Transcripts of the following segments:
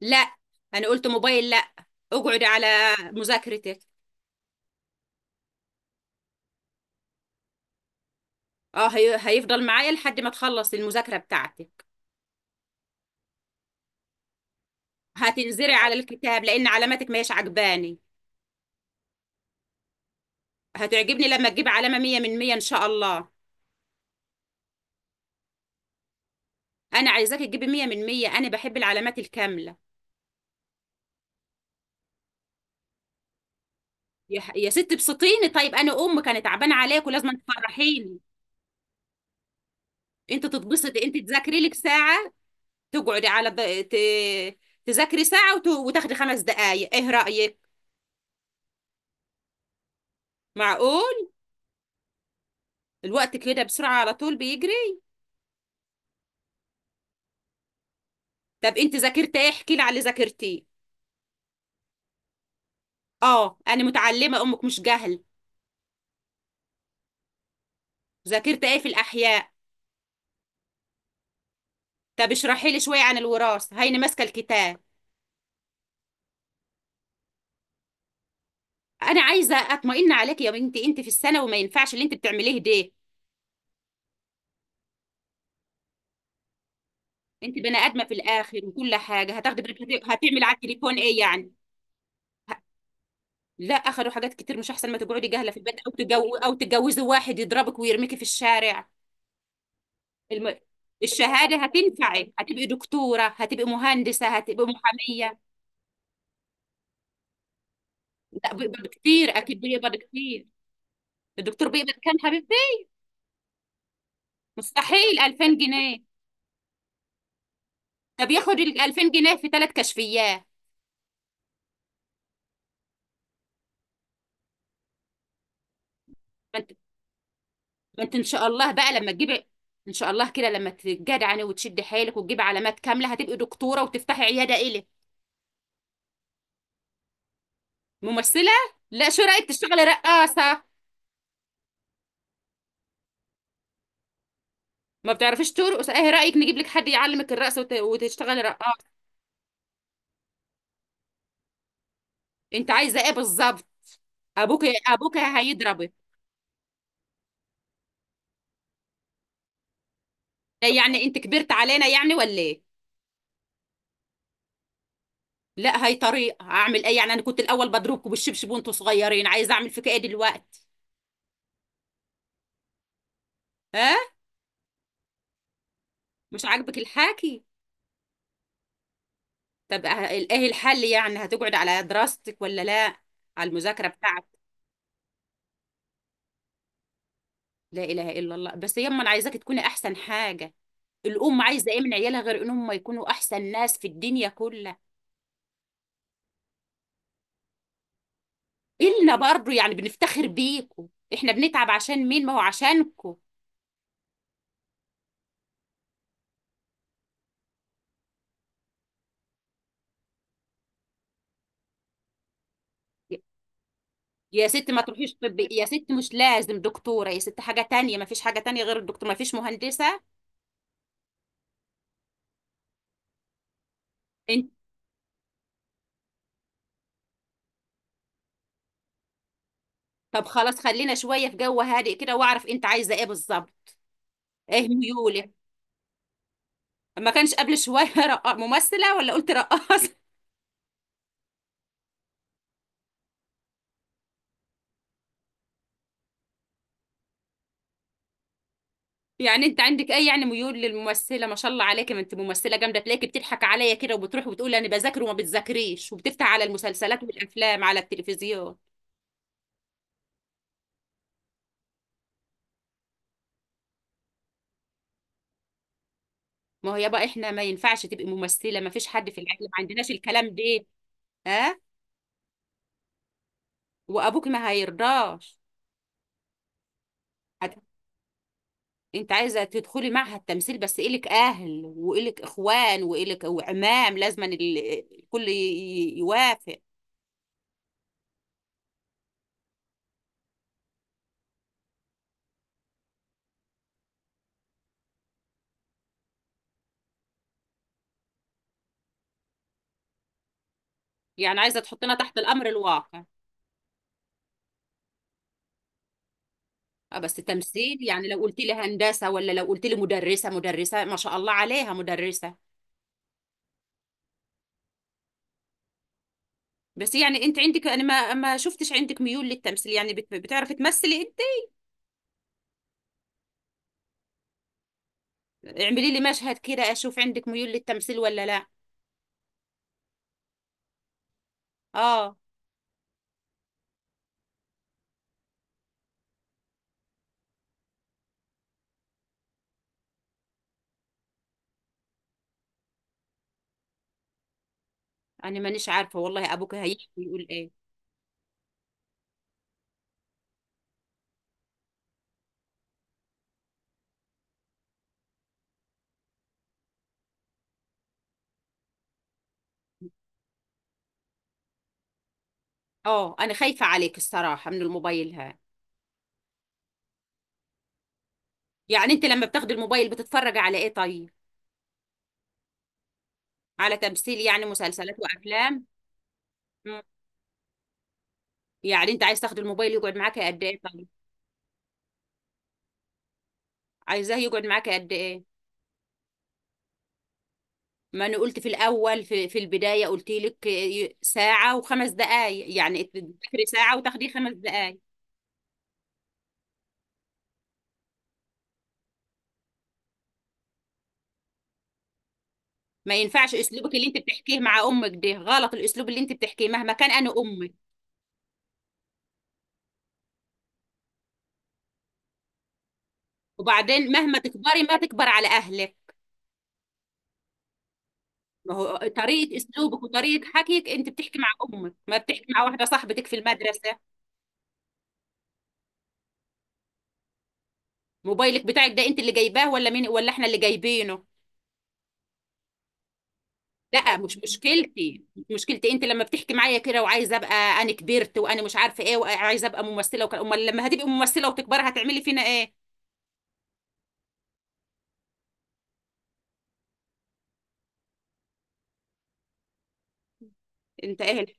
لا. انا قلت موبايل لا. اقعد على مذاكرتك. اه، هيفضل معايا لحد ما تخلص المذاكرة بتاعتك. هتنزرع على الكتاب لان علاماتك ما هيش عجباني. هتعجبني لما تجيب علامة 100 من 100 ان شاء الله. انا عايزاك تجيبي 100 من 100، انا بحب العلامات الكاملة. يا ست ابسطيني، طيب انا ام كانت تعبانة عليك ولازم تفرحيني. انت تتبسطي، انت تذاكري لك ساعة. تقعدي على ض... ت... تذاكري ساعة وتاخدي 5 دقايق، ايه رأيك؟ معقول. الوقت كده بسرعة على طول بيجري. طب انت ذاكرت ايه؟ احكي لي على اللي ذاكرتيه. اه، انا متعلمة، امك مش جهل. ذاكرت ايه في الاحياء؟ طب اشرحي لي شوية عن الوراثة، هيني ماسكة الكتاب. انا عايزة اطمئن عليك يا بنتي، انت في السنة وما ينفعش اللي انت بتعمليه ده. انت بني ادمة في الاخر وكل حاجة هتاخدي، هتعمل على التليفون ايه يعني؟ ه- لا، اخدوا حاجات كتير، مش احسن ما تقعدي جاهلة في البيت او تجو او تتجوزي واحد يضربك ويرميكي في الشارع؟ الم... الشهادة هتنفعك، هتبقي دكتورة، هتبقي مهندسة، هتبقي محامية. لا، بيقبض كتير، أكيد بيقبض كتير. الدكتور بيقبض كام حبيبتي؟ مستحيل 2000 جنيه. طب ياخد ال 2000 جنيه في 3 كشفيات؟ ما انت ما انت إن شاء الله بقى لما تجيبي. إن شاء الله كده لما تتجدعني وتشدي حيلك وتجيبي علامات كاملة هتبقي دكتورة وتفتحي عيادة إلك. ممثلة؟ لا، شو رأيك تشتغلي رقاصة؟ ما بتعرفيش ترقص، ايه رأيك نجيب لك حد يعلمك الرقص وتشتغلي رقاصة؟ انت عايزة ايه بالظبط؟ ابوك ابوك هيضربك. يعني انت كبرت علينا يعني ولا ايه؟ لا، هي طريقه، هعمل ايه يعني؟ انا كنت الاول بضربكم بالشبشب وانتوا صغيرين، عايزه اعمل فيك ايه دلوقتي؟ ها. مش عاجبك الحاكي؟ طب ايه الحل يعني، هتقعد على دراستك ولا لا؟ على المذاكره بتاعتك. لا اله الا الله، بس يما انا عايزاك تكوني احسن حاجه. الام عايزه ايه من عيالها غير انهم يكونوا احسن ناس في الدنيا كلها؟ النا برضو، يعني بنفتخر بيكم. احنا بنتعب عشان مين؟ ما هو عشانكم. يا ست ما تروحيش، طب يا ست مش لازم دكتورة، يا ست حاجة تانية، ما فيش حاجة تانية غير الدكتور، ما فيش مهندسة. انت. طب خلاص، خلينا شوية في جو هادئ كده واعرف انت عايزة ايه بالظبط، ايه ميولك؟ ما كانش قبل شوية ممثلة ولا قلت رقاصة؟ يعني انت عندك ايه، يعني ميول للممثلة، ما شاء الله عليك، ما انت ممثلة جامدة. تلاقيكي بتضحك عليا كده، وبتروحي وبتقولي انا بذاكر وما بتذاكريش وبتفتح على المسلسلات والافلام على التلفزيون. ما هو يابا احنا ما ينفعش تبقي ممثلة، ما فيش حد في العالم، ما عندناش الكلام ده. ها. وابوك ما هيرضاش. هت... انت عايزه تدخلي معهد تمثيل؟ بس الك اهل والك اخوان والك وعمام، لازم الكل يوافق. يعني عايزه تحطنا تحت الامر الواقع؟ اه، بس تمثيل؟ يعني لو قلت لي هندسه، ولا لو قلت لي مدرسه، مدرسه ما شاء الله عليها مدرسه. بس يعني انت عندك، انا ما شفتش عندك ميول للتمثيل، يعني بتعرفي تمثلي انت؟ اعملي لي مشهد كده اشوف عندك ميول للتمثيل ولا لا. اه، انا مانيش عارفه والله ابوك هيحكي يقول ايه. اه، انا خايفة عليك الصراحة من الموبايل. ها. يعني انت لما بتاخد الموبايل بتتفرج على ايه طيب؟ على تمثيل، يعني مسلسلات وافلام. مم. يعني انت عايز تاخد الموبايل يقعد معاك قد ايه طيب؟ عايزاه يقعد معاك قد ايه؟ ما انا قلت في الاول، في البداية قلت لك، ساعة وخمس دقايق، يعني تذاكري ساعة وتاخدي 5 دقايق. ما ينفعش اسلوبك اللي انت بتحكيه مع امك، ده غلط، الاسلوب اللي انت بتحكيه مهما كان انا امك. وبعدين مهما تكبري ما تكبر على اهلك. ما هو طريقة أسلوبك وطريقة حكيك، أنت بتحكي مع أمك، ما بتحكي مع واحدة صاحبتك في المدرسة. موبايلك بتاعك، ده أنت اللي جايباه ولا مين، ولا إحنا اللي جايبينه؟ لا، مش مشكلتي أنت لما بتحكي معايا كده وعايزة أبقى، أنا كبرت وأنا مش عارفة إيه وعايزة أبقى ممثلة وكده، أمال لما هتبقي ممثلة وتكبري هتعملي فينا إيه؟ أنت إيه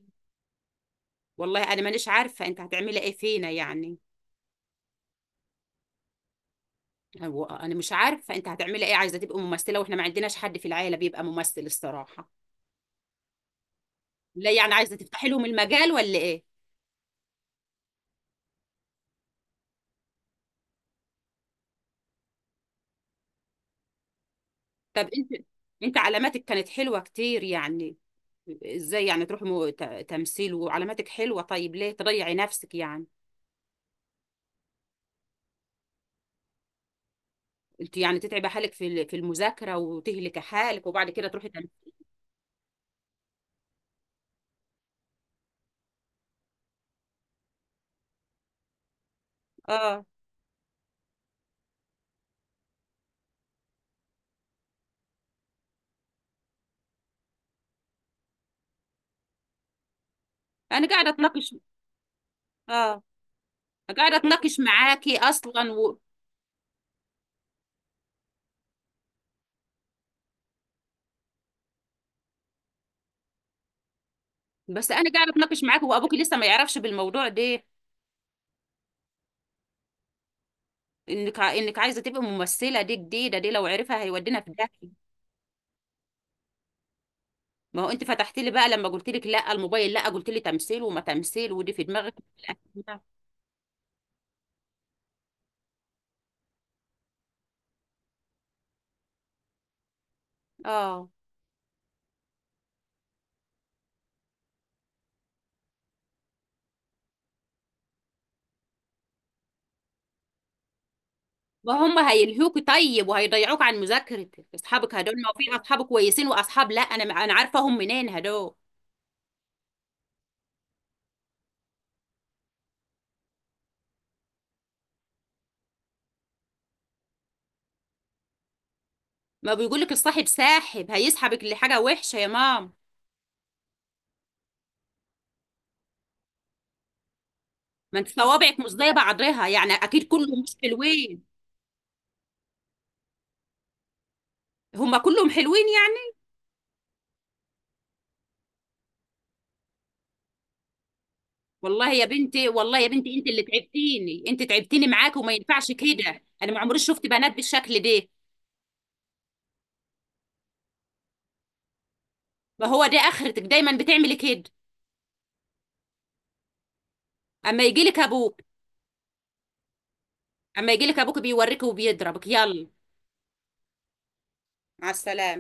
والله أنا مانيش عارفة أنت هتعملي إيه فينا يعني. هو أنا مش عارفة أنت هتعملي إيه، عايزة تبقي ممثلة وإحنا ما عندناش حد في العيلة بيبقى ممثل الصراحة. لا، يعني عايزة تفتحي لهم المجال ولا إيه؟ طب انت، انت علاماتك كانت حلوة كتير يعني. ازاي يعني تروح تمثيل وعلاماتك حلوة؟ طيب ليه تضيعي نفسك يعني؟ انت يعني تتعبي حالك في المذاكرة وتهلكي حالك وبعد كده تروحي تمثيل؟ اه. انا قاعدة اتناقش. اه، قاعدة اتناقش معاكي اصلا بس انا قاعدة اتناقش معاكي، وابوكي لسه ما يعرفش بالموضوع ده. انك عايزة تبقي ممثلة دي جديدة، دي لو عرفها هيودينا في داهية. ما هو انت فتحت لي بقى، لما قلت لك لا الموبايل لا، قلت لي تمثيل، وما تمثيل، ودي في دماغك. اه. ما هم هيلهوكي طيب، وهيضيعوك عن مذاكرتك، اصحابك هدول ما في اصحاب كويسين واصحاب، لا، انا عارفاهم منين هدول. ما بيقول لك الصاحب ساحب، هيسحبك لحاجه وحشه يا مام. ما انت صوابعك مش زي بعضها، يعني اكيد كلهم مش حلوين. هم كلهم حلوين يعني؟ والله يا بنتي، والله يا بنتي انت اللي تعبتيني، انت تعبتيني معاك، وما ينفعش كده، انا ما عمري شفت بنات بالشكل ده. ما هو ده اخرتك، دايما بتعملي كده. اما يجي لك ابوك. اما يجي لك ابوك بيوريك وبيضربك، يلا. مع السلامه.